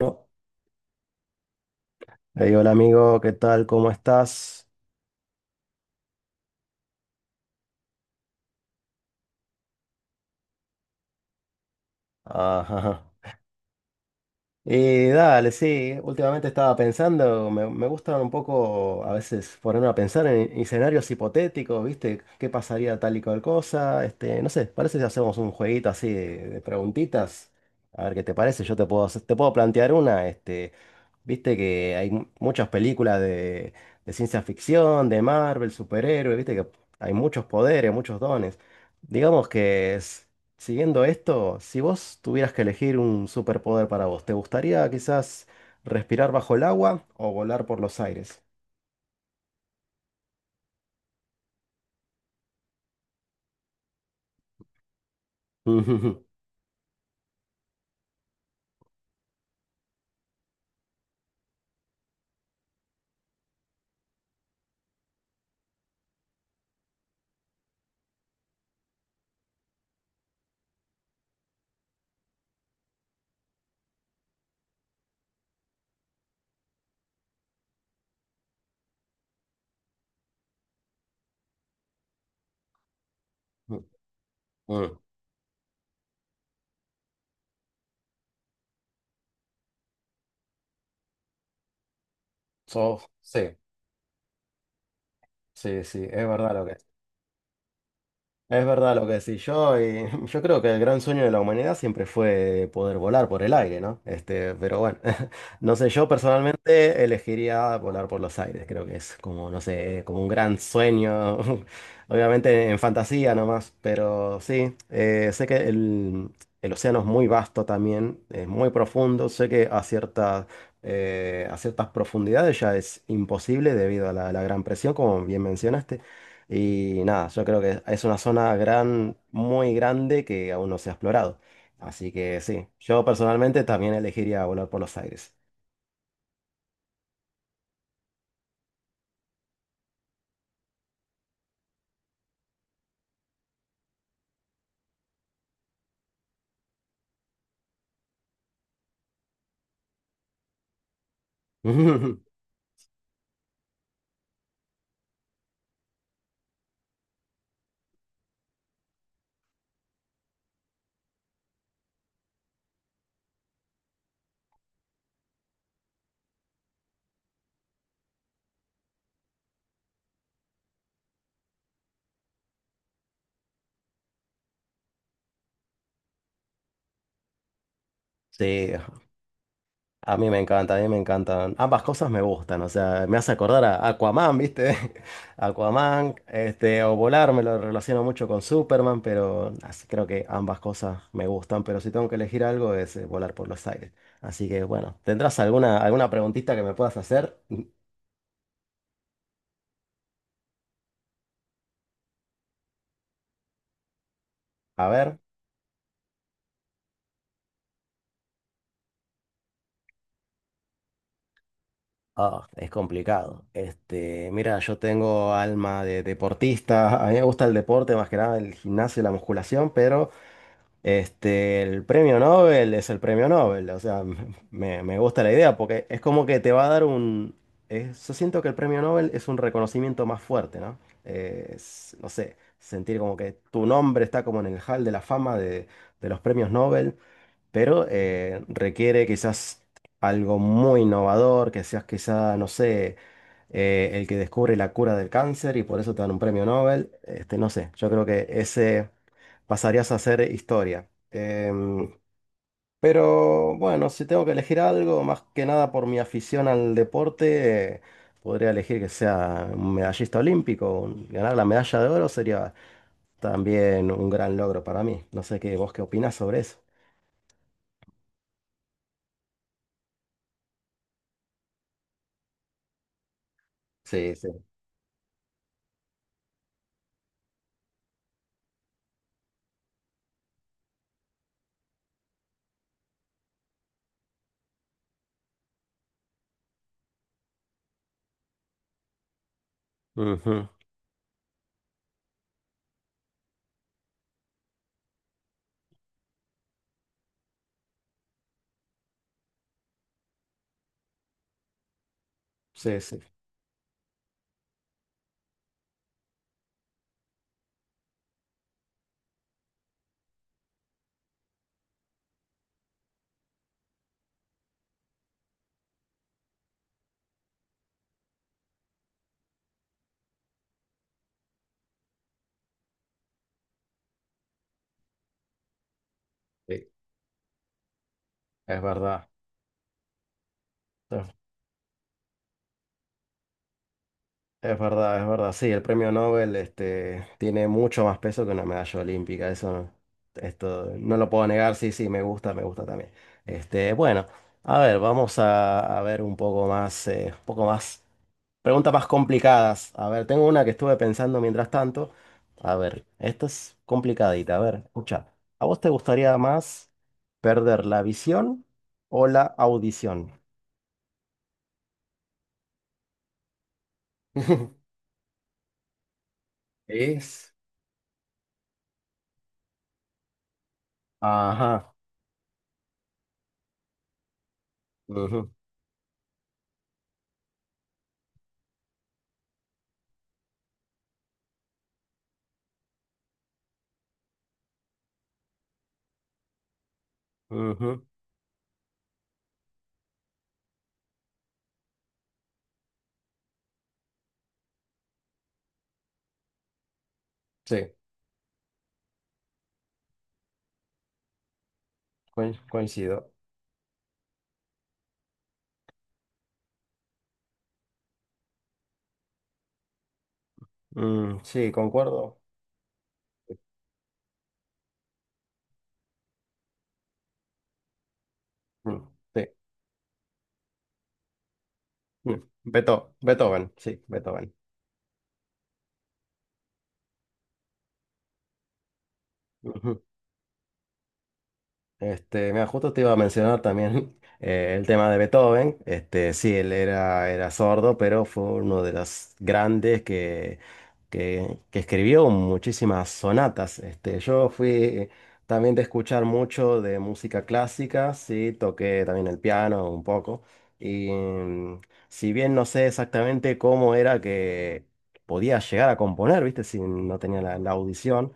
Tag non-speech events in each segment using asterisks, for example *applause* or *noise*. No. Hey, hola amigo, ¿qué tal? ¿Cómo estás? Ajá, ajá. Y dale, sí, últimamente estaba pensando, me gusta un poco a veces ponerme a pensar en escenarios hipotéticos, ¿viste? ¿Qué pasaría tal y cual cosa? Este, no sé, parece si hacemos un jueguito así de preguntitas. A ver qué te parece, yo te puedo hacer- te puedo plantear una, este. Viste que hay muchas películas de ciencia ficción, de Marvel, superhéroes, viste que hay muchos poderes, muchos dones. Digamos que siguiendo esto, si vos tuvieras que elegir un superpoder para vos, ¿te gustaría quizás respirar bajo el agua o volar por los aires? *laughs* Mm, mm. Sí, sí, es verdad lo que... Es verdad lo que decís, yo, y *laughs* yo creo que el gran sueño de la humanidad siempre fue poder volar por el aire, ¿no? Este, pero bueno, *laughs* no sé, yo personalmente elegiría volar por los aires, creo que es como, no sé, como un gran sueño, *laughs* obviamente en fantasía nomás, pero sí, sé que el océano es muy vasto también, es muy profundo, sé que a a ciertas profundidades ya es imposible debido a la gran presión, como bien mencionaste. Y nada, yo creo que es una zona muy grande que aún no se ha explorado. Así que sí, yo personalmente también elegiría volar por los aires. *laughs* Sí, a mí me encanta, a mí me encantan. Ambas cosas me gustan, o sea, me hace acordar a Aquaman, ¿viste? *laughs* Aquaman, este, o volar, me lo relaciono mucho con Superman, pero así creo que ambas cosas me gustan, pero si tengo que elegir algo es volar por los aires. Así que bueno, ¿tendrás alguna, alguna preguntita que me puedas hacer? *laughs* A ver. Ah, es complicado. Este, mira, yo tengo alma de deportista. A mí me gusta el deporte, más que nada el gimnasio y la musculación, pero este, el premio Nobel es el premio Nobel. O sea, *laughs* me gusta la idea porque es como que te va a dar un... yo siento que el premio Nobel es un reconocimiento más fuerte, ¿no? No sé, sentir como que tu nombre está como en el hall de la fama de los premios Nobel, pero requiere quizás algo muy innovador, que seas quizá, no sé, el que descubre la cura del cáncer y por eso te dan un premio Nobel, este, no sé, yo creo que ese pasarías a ser historia. Pero bueno, si tengo que elegir algo, más que nada por mi afición al deporte, podría elegir que sea un medallista olímpico, ganar la medalla de oro sería también un gran logro para mí. No sé qué, vos qué opinás sobre eso. Sí, sí. Ujú. Sí, sí, sí, es verdad. Es, es verdad, es verdad. Sí, el premio Nobel este, tiene mucho más peso que una medalla olímpica. Eso no, esto, no lo puedo negar. Sí, sí, me gusta también. Este, bueno, a ver, vamos a ver un poco más, preguntas más complicadas. A ver, tengo una que estuve pensando mientras tanto. A ver, esta es complicadita. A ver, escucha. ¿A vos te gustaría más perder la visión o la audición? *laughs* Es. Ajá. Ujú, ujú. Sí, coincido. Mm, sí, concuerdo. Mm, sí, mm. Beethoven, sí, Beethoven. Este, mira, justo te iba a mencionar también *laughs* el tema de Beethoven. Este, sí, él era, era sordo, pero fue uno de los grandes que, que escribió muchísimas sonatas. Este, yo fui también de escuchar mucho de música clásica, sí, toqué también el piano un poco. Y mm, si bien no sé exactamente cómo era que podía llegar a componer, ¿viste? Si no tenía la audición.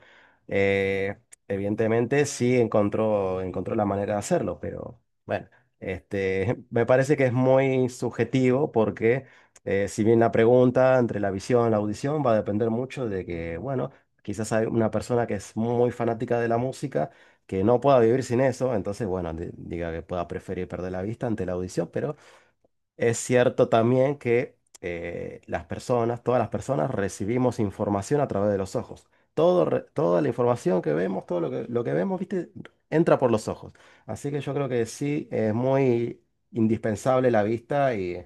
eh, Evidentemente sí encontró, encontró la manera de hacerlo, pero bueno, este, *laughs* me parece que es muy subjetivo porque si bien la pregunta entre la visión y la audición va a depender mucho de que, bueno, quizás hay una persona que es muy fanática de la música que no pueda vivir sin eso, entonces, bueno, diga que pueda preferir perder la vista ante la audición, pero es cierto también que las personas, todas las personas recibimos información a través de los ojos. Todo, toda la información que vemos, todo lo lo que vemos, ¿viste? Entra por los ojos. Así que yo creo que sí, es muy indispensable la vista y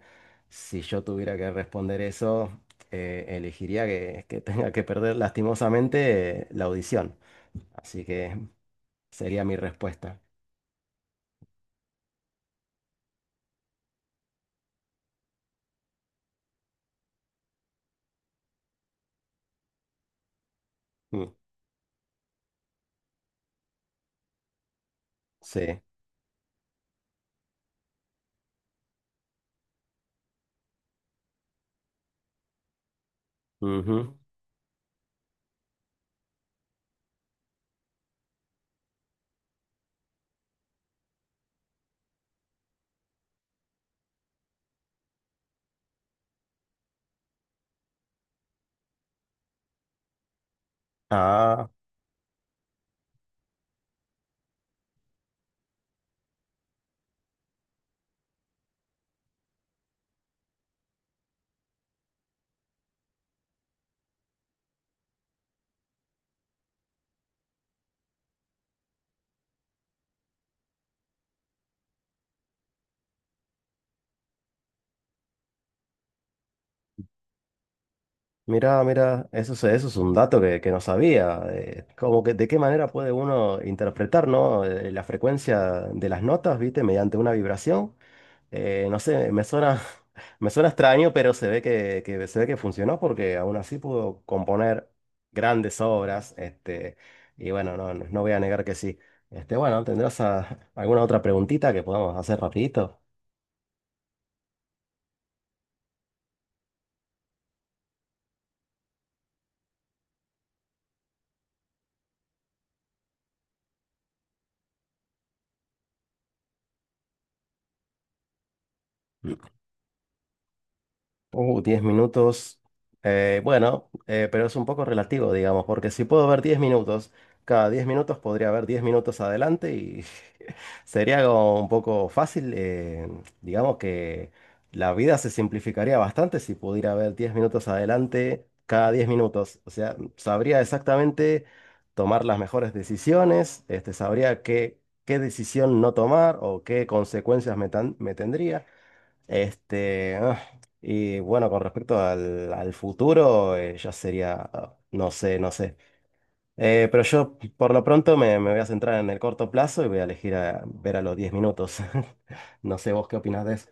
si yo tuviera que responder eso, elegiría que tenga que perder lastimosamente la audición. Así que sería mi respuesta. Mm. Sí. Ujú. Ah. Mira, mira, eso, eso es un dato que no sabía. Como que de qué manera puede uno interpretar, ¿no? La frecuencia de las notas, ¿viste? Mediante una vibración. No sé, me suena, *laughs* me suena extraño, pero se ve que se ve que funcionó porque aún así pudo componer grandes obras. Este, y bueno, no, no no voy a negar que sí. Este, bueno, ¿tendrás alguna otra preguntita que podamos hacer rapidito? 10 minutos. Bueno, pero es un poco relativo, digamos, porque si puedo ver 10 minutos, cada 10 minutos podría ver 10 minutos adelante y *laughs* sería como un poco fácil. Digamos que la vida se simplificaría bastante si pudiera ver 10 minutos adelante cada 10 minutos. O sea, sabría exactamente tomar las mejores decisiones, este, sabría qué, qué decisión no tomar o qué consecuencias me tendría. Este, ah, y bueno, con respecto al, al futuro, ya sería, ah, no sé, no sé. Pero yo por lo pronto me voy a centrar en el corto plazo y voy a elegir a ver a los 10 minutos. *laughs* No sé vos qué opinás de eso.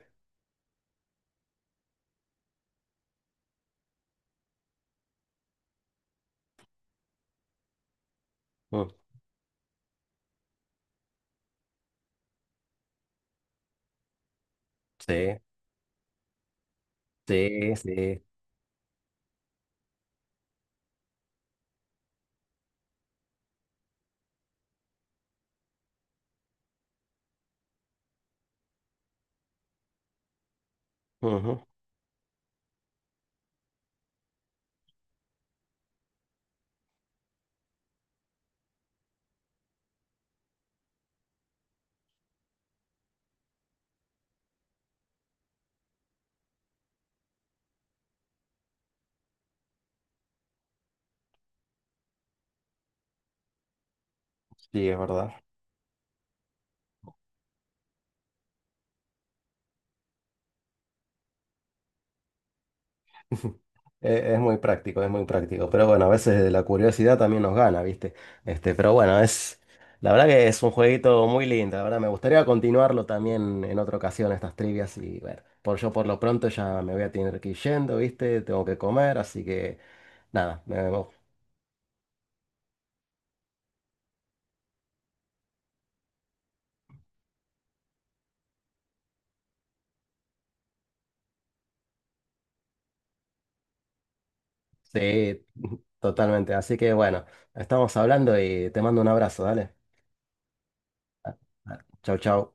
Mm. Sí, sí, sí. Ujú, sí, es verdad. *laughs* Es muy práctico, es muy práctico. Pero bueno, a veces la curiosidad también nos gana, ¿viste? Este, pero bueno, es. La verdad que es un jueguito muy lindo. La verdad, me gustaría continuarlo también en otra ocasión, estas trivias. Y bueno, por yo por lo pronto ya me voy a tener que ir yendo, ¿viste? Tengo que comer, así que nada, sí, *laughs* totalmente. Así que bueno, estamos hablando y te mando un abrazo, dale. Chau, chau.